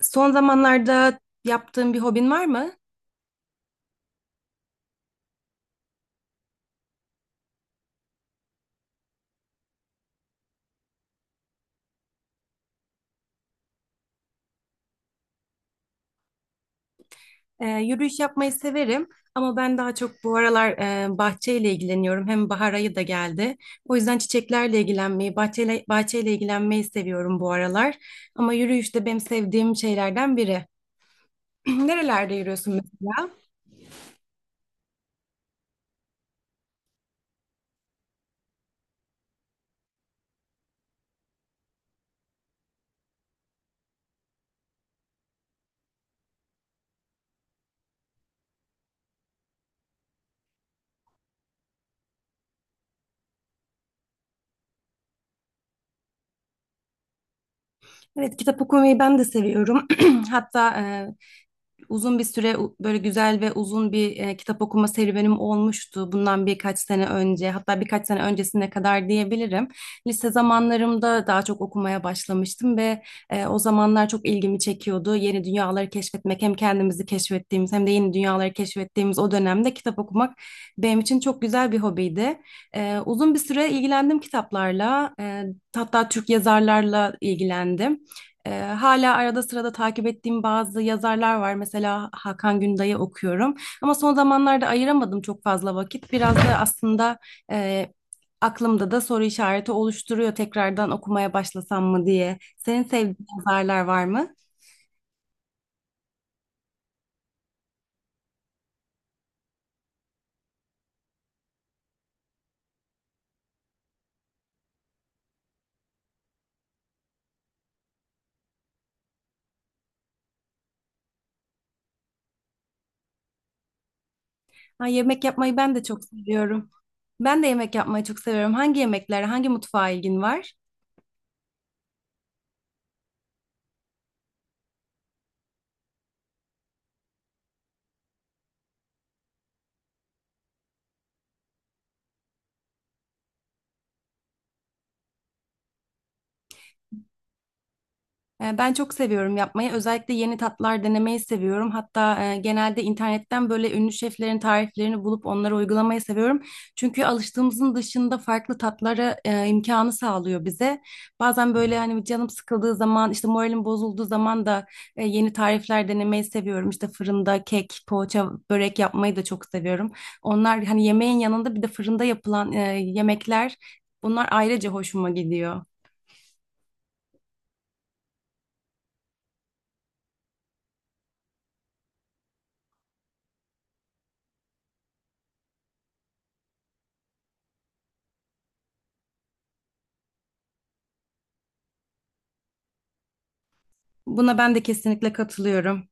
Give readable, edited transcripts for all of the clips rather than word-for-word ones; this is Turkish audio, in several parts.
Son zamanlarda yaptığın bir hobin var mı? Yürüyüş yapmayı severim ama ben daha çok bu aralar bahçeyle ilgileniyorum. Hem bahar ayı da geldi. O yüzden çiçeklerle ilgilenmeyi, bahçeyle ilgilenmeyi seviyorum bu aralar. Ama yürüyüş de benim sevdiğim şeylerden biri. Nerelerde yürüyorsun mesela? Evet, kitap okumayı ben de seviyorum. Hatta uzun bir süre böyle güzel ve uzun bir kitap okuma serüvenim olmuştu bundan birkaç sene önce, hatta birkaç sene öncesine kadar diyebilirim. Lise zamanlarımda daha çok okumaya başlamıştım ve o zamanlar çok ilgimi çekiyordu. Yeni dünyaları keşfetmek, hem kendimizi keşfettiğimiz hem de yeni dünyaları keşfettiğimiz o dönemde kitap okumak benim için çok güzel bir hobiydi. Uzun bir süre ilgilendim kitaplarla, hatta Türk yazarlarla ilgilendim. Hala arada sırada takip ettiğim bazı yazarlar var. Mesela Hakan Günday'ı okuyorum. Ama son zamanlarda ayıramadım çok fazla vakit. Biraz da aslında e, aklımda da soru işareti oluşturuyor, tekrardan okumaya başlasam mı diye. Senin sevdiğin yazarlar var mı? Ha, yemek yapmayı ben de çok seviyorum. Ben de yemek yapmayı çok seviyorum. Hangi yemeklere, hangi mutfağa ilgin var? Ben çok seviyorum yapmayı. Özellikle yeni tatlar denemeyi seviyorum. Hatta genelde internetten böyle ünlü şeflerin tariflerini bulup onları uygulamayı seviyorum. Çünkü alıştığımızın dışında farklı tatlara imkanı sağlıyor bize. Bazen böyle hani canım sıkıldığı zaman, işte moralim bozulduğu zaman da yeni tarifler denemeyi seviyorum. İşte fırında kek, poğaça, börek yapmayı da çok seviyorum. Onlar hani yemeğin yanında bir de fırında yapılan yemekler, bunlar ayrıca hoşuma gidiyor. Buna ben de kesinlikle katılıyorum.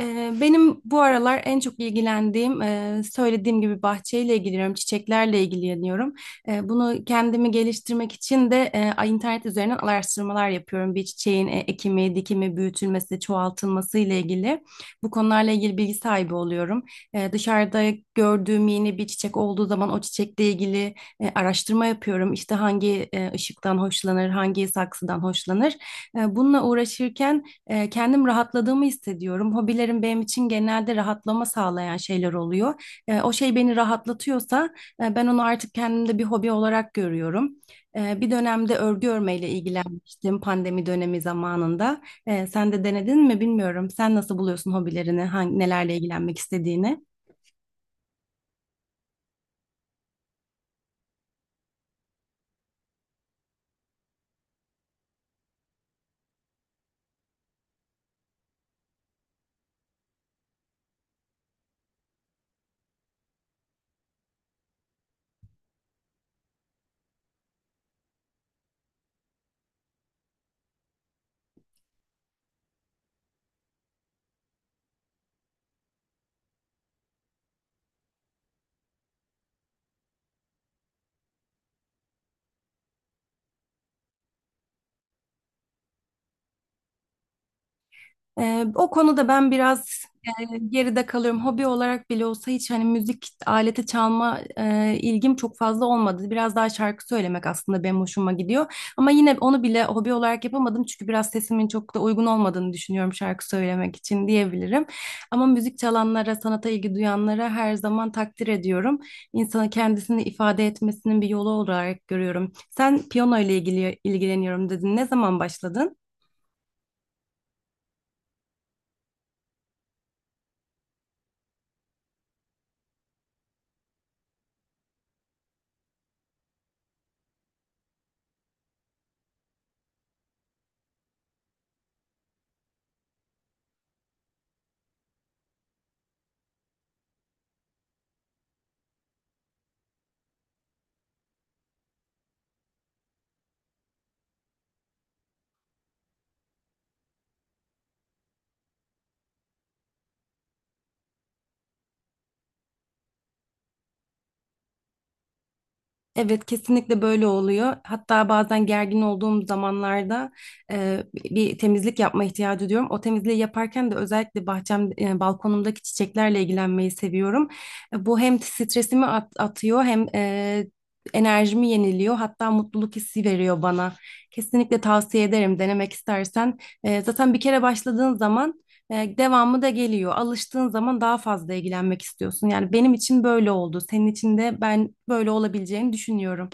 Benim bu aralar en çok ilgilendiğim, söylediğim gibi bahçeyle ilgileniyorum, çiçeklerle ilgileniyorum. Bunu kendimi geliştirmek için de internet üzerinden araştırmalar yapıyorum. Bir çiçeğin ekimi, dikimi, büyütülmesi, çoğaltılması ile ilgili, bu konularla ilgili bilgi sahibi oluyorum. Dışarıda gördüğüm yeni bir çiçek olduğu zaman o çiçekle ilgili araştırma yapıyorum. İşte hangi ışıktan hoşlanır, hangi saksıdan hoşlanır. Bununla uğraşırken kendim rahatladığımı hissediyorum. Hobilerim benim için genelde rahatlama sağlayan şeyler oluyor. O şey beni rahatlatıyorsa ben onu artık kendimde bir hobi olarak görüyorum. Bir dönemde örgü örmeyle ilgilenmiştim pandemi dönemi zamanında. Sen de denedin mi bilmiyorum. Sen nasıl buluyorsun hobilerini, hangi, nelerle ilgilenmek istediğini? O konuda ben biraz geride kalıyorum. Hobi olarak bile olsa hiç hani müzik aleti çalma ilgim çok fazla olmadı. Biraz daha şarkı söylemek aslında benim hoşuma gidiyor. Ama yine onu bile hobi olarak yapamadım çünkü biraz sesimin çok da uygun olmadığını düşünüyorum şarkı söylemek için diyebilirim. Ama müzik çalanlara, sanata ilgi duyanlara her zaman takdir ediyorum. İnsanın kendisini ifade etmesinin bir yolu olarak görüyorum. Sen piyano ile ilgili ilgileniyorum dedin. Ne zaman başladın? Evet, kesinlikle böyle oluyor. Hatta bazen gergin olduğum zamanlarda bir temizlik yapma ihtiyacı duyuyorum. O temizliği yaparken de özellikle bahçem, balkonumdaki çiçeklerle ilgilenmeyi seviyorum. Bu hem stresimi atıyor hem enerjimi yeniliyor. Hatta mutluluk hissi veriyor bana. Kesinlikle tavsiye ederim denemek istersen. Zaten bir kere başladığın zaman devamı da geliyor. Alıştığın zaman daha fazla ilgilenmek istiyorsun. Yani benim için böyle oldu. Senin için de ben böyle olabileceğini düşünüyorum.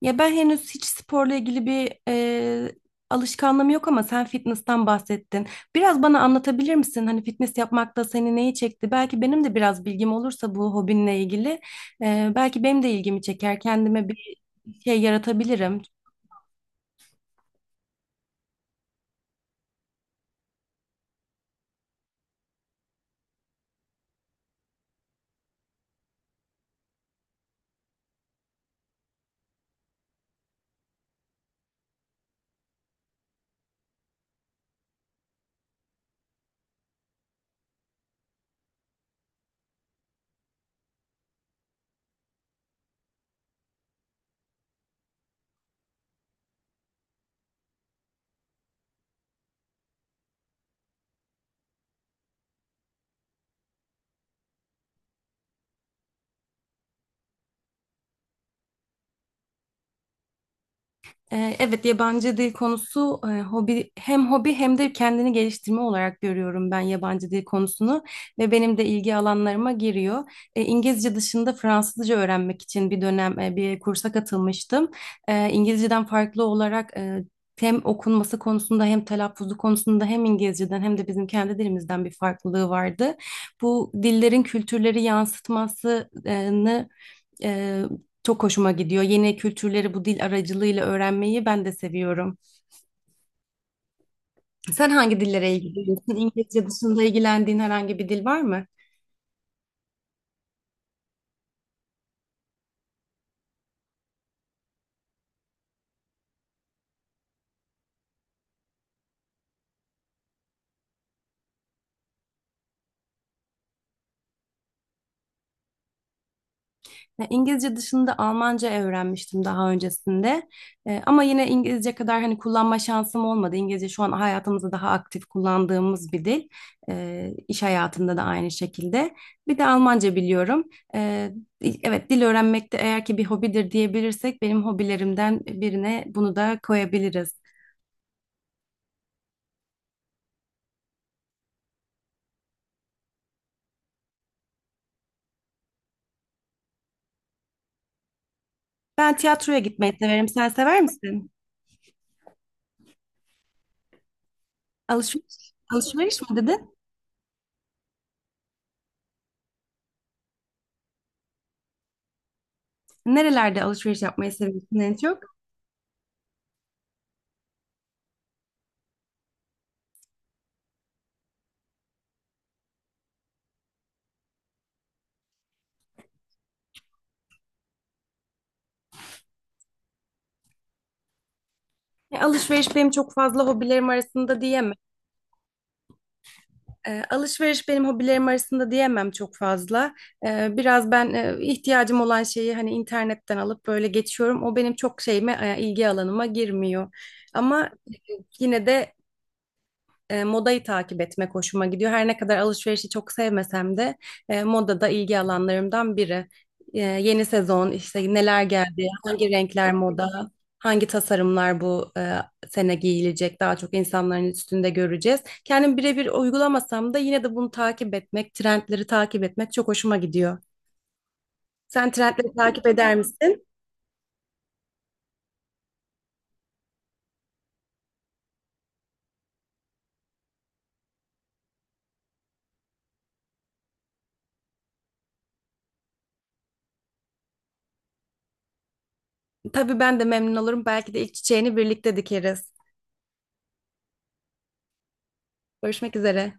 Ya ben henüz hiç sporla ilgili bir alışkanlığım yok ama sen fitness'tan bahsettin. Biraz bana anlatabilir misin? Hani fitness yapmakta seni neyi çekti? Belki benim de biraz bilgim olursa bu hobinle ilgili, belki benim de ilgimi çeker. Kendime bir şey yaratabilirim. Evet, yabancı dil konusu, hobi, hem hobi hem de kendini geliştirme olarak görüyorum ben yabancı dil konusunu ve benim de ilgi alanlarıma giriyor. İngilizce dışında Fransızca öğrenmek için bir dönem bir kursa katılmıştım. İngilizceden farklı olarak hem okunması konusunda hem telaffuzu konusunda hem İngilizceden hem de bizim kendi dilimizden bir farklılığı vardı. Bu dillerin kültürleri yansıtmasını ee, çok hoşuma gidiyor. Yeni kültürleri bu dil aracılığıyla öğrenmeyi ben de seviyorum. Sen hangi dillere ilgileniyorsun? İngilizce dışında ilgilendiğin herhangi bir dil var mı? İngilizce dışında Almanca öğrenmiştim daha öncesinde. Ama yine İngilizce kadar hani kullanma şansım olmadı. İngilizce şu an hayatımızda daha aktif kullandığımız bir dil. İş hayatında da aynı şekilde. Bir de Almanca biliyorum. E, evet, dil öğrenmek de, eğer ki bir hobidir diyebilirsek, benim hobilerimden birine bunu da koyabiliriz. Ben tiyatroya gitmeyi severim. Sen sever misin? Alışveriş, alışveriş mi dedin? Nerelerde alışveriş yapmayı seviyorsun en çok? Alışveriş benim çok fazla hobilerim arasında diyemem. Alışveriş benim hobilerim arasında diyemem çok fazla. Biraz ben ihtiyacım olan şeyi hani internetten alıp böyle geçiyorum. O benim çok şeyime, ilgi alanıma girmiyor. Ama yine de modayı takip etmek hoşuma gidiyor. Her ne kadar alışverişi çok sevmesem de moda da ilgi alanlarımdan biri. Yeni sezon işte neler geldi, hangi renkler moda, hangi tasarımlar bu sene giyilecek, daha çok insanların üstünde göreceğiz. Kendim birebir uygulamasam da yine de bunu takip etmek, trendleri takip etmek çok hoşuma gidiyor. Sen trendleri takip eder misin? Tabii ben de memnun olurum. Belki de ilk çiçeğini birlikte dikeriz. Görüşmek üzere.